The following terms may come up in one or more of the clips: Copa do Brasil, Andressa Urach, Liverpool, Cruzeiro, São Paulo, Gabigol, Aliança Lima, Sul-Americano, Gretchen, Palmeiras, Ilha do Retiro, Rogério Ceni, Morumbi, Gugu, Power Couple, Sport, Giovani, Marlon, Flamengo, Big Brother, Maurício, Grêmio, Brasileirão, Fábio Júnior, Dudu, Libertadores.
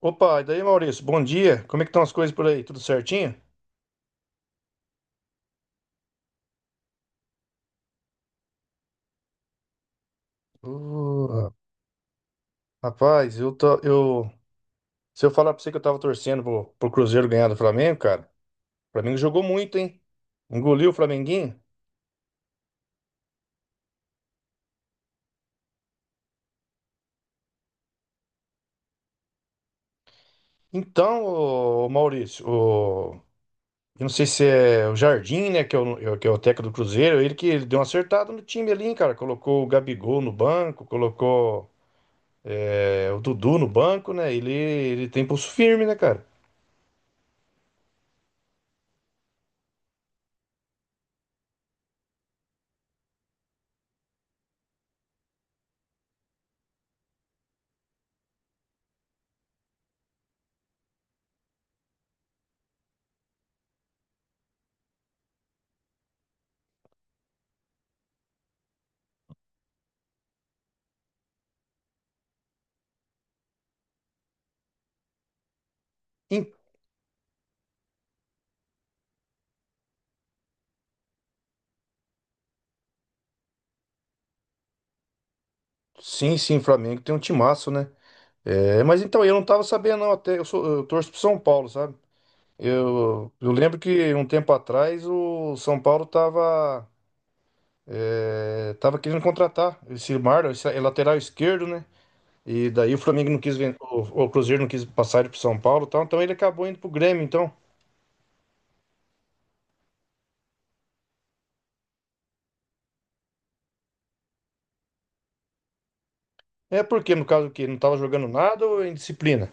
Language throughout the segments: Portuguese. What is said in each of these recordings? Opa, e daí, Maurício? Bom dia. Como é que estão as coisas por aí? Tudo certinho? Ô, rapaz, se eu falar pra você que eu tava torcendo pro Cruzeiro ganhar do Flamengo, cara, o Flamengo jogou muito, hein? Engoliu o Flamenguinho. Então, ô, Maurício, ô, eu não sei se é o Jardim, né, que é o técnico do Cruzeiro, ele deu uma acertada no time ali, hein, cara. Colocou o Gabigol no banco, colocou o Dudu no banco, né? Ele tem pulso firme, né, cara? Em- Sim, sim, o Flamengo tem um timaço, né? É, mas então, eu não tava sabendo, não, eu torço pro São Paulo, sabe? Eu lembro que um tempo atrás o São Paulo tava querendo contratar esse Marlon, esse é lateral esquerdo, né? E daí o Flamengo não quis, o Cruzeiro não quis passar ele pro São Paulo, e tal, então ele acabou indo pro Grêmio, então. É porque, no caso, que não tava jogando nada ou é indisciplina?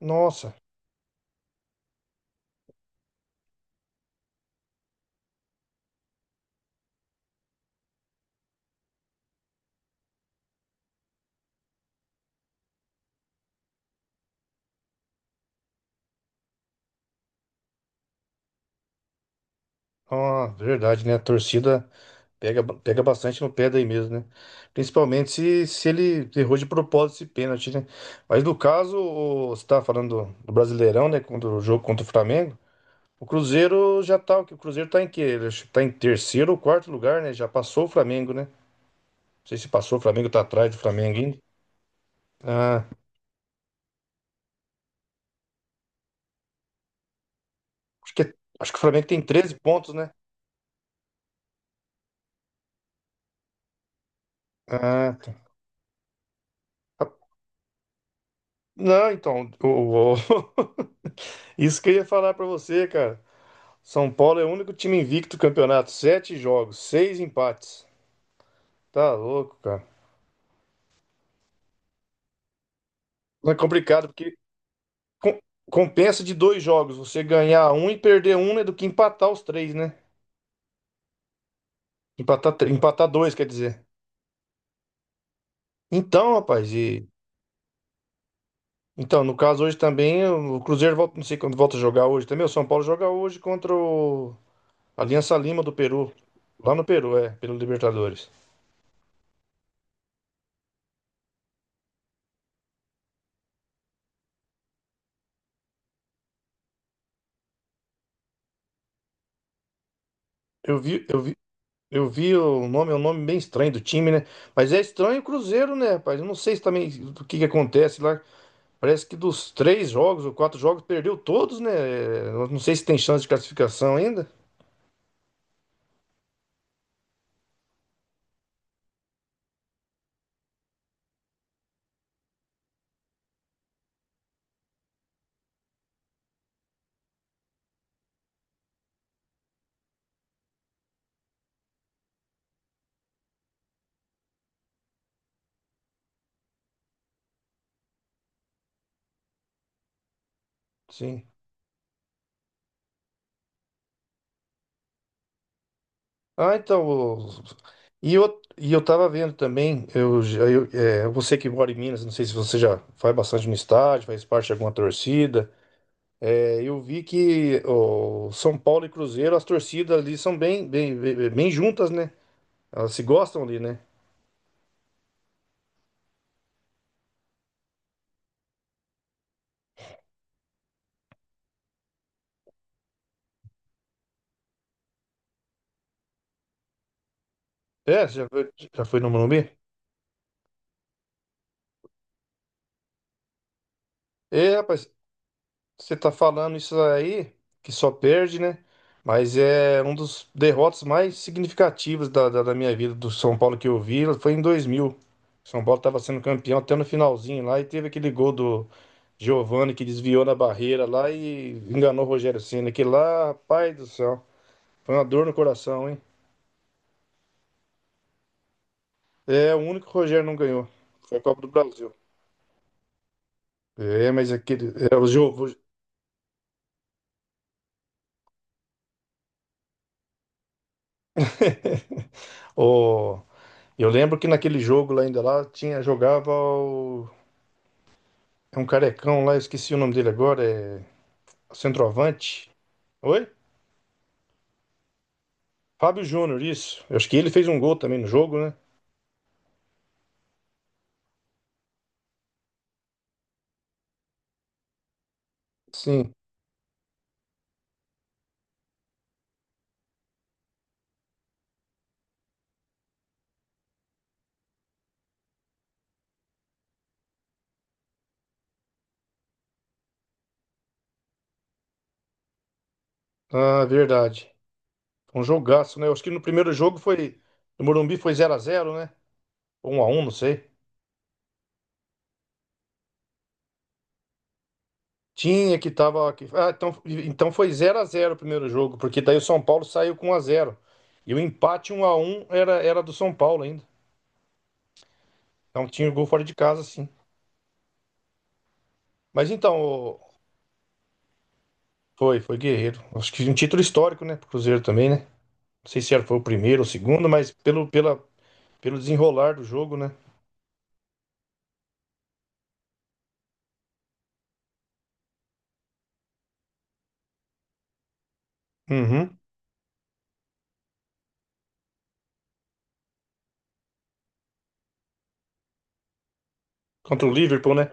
Nossa. Ah, verdade, né? A torcida pega, pega bastante no pé daí mesmo, né? Principalmente se ele errou de propósito esse pênalti, né? Mas no caso, você estava falando do Brasileirão, né? Quando o jogo contra o Flamengo, o Cruzeiro já tá. O Cruzeiro tá em quê? Ele acho que tá em terceiro ou quarto lugar, né? Já passou o Flamengo, né? Não sei se passou o Flamengo, tá atrás do Flamengo ainda. Ah, acho que, acho que o Flamengo tem treze pontos, né? Ah, tá. Não, então, isso que eu ia falar pra você, cara. São Paulo é o único time invicto do campeonato. Sete jogos, seis empates. Tá louco, cara. Não é complicado, porque com- compensa de dois jogos. Você ganhar um e perder um é do que empatar os três, né? Empatar dois, quer dizer. Então, rapaz. Então, no caso hoje também, o Cruzeiro volta, não sei quando volta a jogar hoje também. O São Paulo joga hoje contra o Aliança Lima do Peru. Lá no Peru, pelo Libertadores. Eu vi, eu vi, Eu vi o nome, é um nome bem estranho do time, né? Mas é estranho o Cruzeiro, né, rapaz? Eu não sei se também o que que acontece lá. Parece que dos três jogos ou quatro jogos perdeu todos, né? Eu não sei se tem chance de classificação ainda. Sim. Ah, então. E eu tava vendo também, eu, já- eu, é, você que mora em Minas, não sei se você já vai bastante no estádio, faz parte de alguma torcida. É, eu vi que o São Paulo e Cruzeiro, as torcidas ali são bem, bem, bem bem juntas, né? Elas se gostam ali, né? É, já, já foi no Morumbi? É, rapaz, você tá falando isso aí, que só perde, né? Mas é um dos derrotas mais significativos da minha vida, do São Paulo que eu vi, foi em 2000. São Paulo tava sendo campeão até no finalzinho lá, e teve aquele gol do Giovani que desviou na barreira lá e enganou o Rogério Ceni. Aquele lá, rapaz do céu, foi uma dor no coração, hein? É, o único que o Rogério não ganhou, foi a Copa do Brasil. É, mas aquele, o Giovani... O Eu lembro que naquele jogo lá ainda lá tinha jogava o, é um carecão lá, eu esqueci o nome dele agora, é o centroavante. Oi? Fábio Júnior, isso. Eu acho que ele fez um gol também no jogo, né? Sim. Ah, verdade. Um jogaço, né? Eu acho que no primeiro jogo foi no Morumbi foi zero a zero, né? Ou 1-1, não sei. Tinha que tava que- Ah, então, foi zero a zero o primeiro jogo, porque daí o São Paulo saiu com um a zero. E o empate um a um era do São Paulo ainda. Então tinha o gol fora de casa, sim. Mas então, Foi guerreiro. Acho que um título histórico, né? Pro Cruzeiro também, né? Não sei se foi o primeiro ou o segundo, mas pelo desenrolar do jogo, né? Uhum. Contra o Liverpool, né?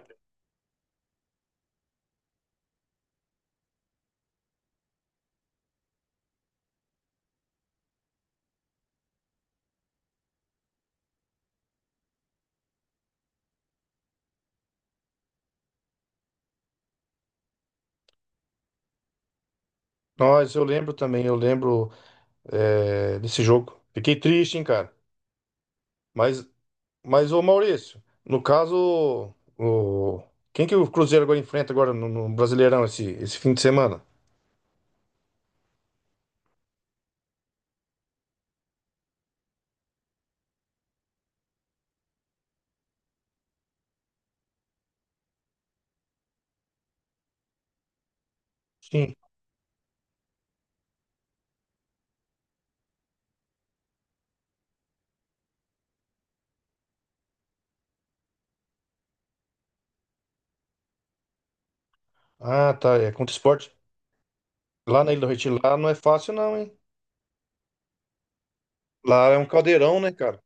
Nós, eu lembro também, eu lembro é, desse jogo. Fiquei triste, hein, cara. Mas, mas, ô Maurício, no caso, quem que o Cruzeiro agora enfrenta agora no Brasileirão esse fim de semana? Sim. Ah, tá. É contra o Sport. Lá na Ilha do Retiro, lá não é fácil, não, hein? Lá é um caldeirão, né, cara?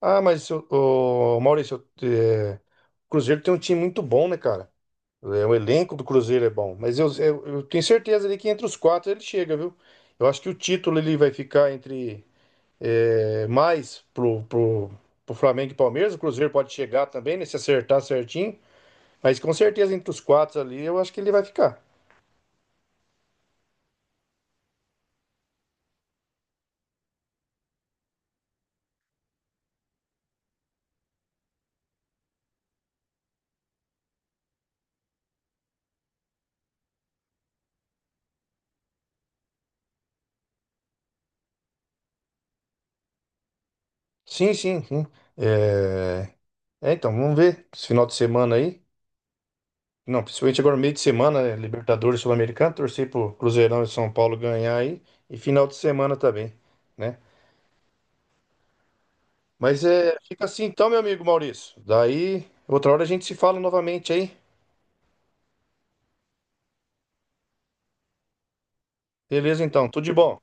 Ah, mas o Maurício, o Cruzeiro tem um time muito bom, né, cara? É, o elenco do Cruzeiro é bom. Mas eu tenho certeza ali que entre os quatro ele chega, viu? Eu acho que o título ele vai ficar entre mais pro Flamengo e Palmeiras. O Cruzeiro pode chegar também, né, se acertar certinho. Mas com certeza entre os quatro ali eu acho que ele vai ficar. Sim, sim, sim. É, é, então, vamos ver esse final de semana aí. Não, principalmente agora meio de semana, né? Libertadores Sul-Americano, torcer pro Cruzeirão e São Paulo ganhar aí, e final de semana também, né? Mas é, fica assim então, meu amigo Maurício. Daí, outra hora a gente se fala novamente aí. Beleza então, tudo de bom.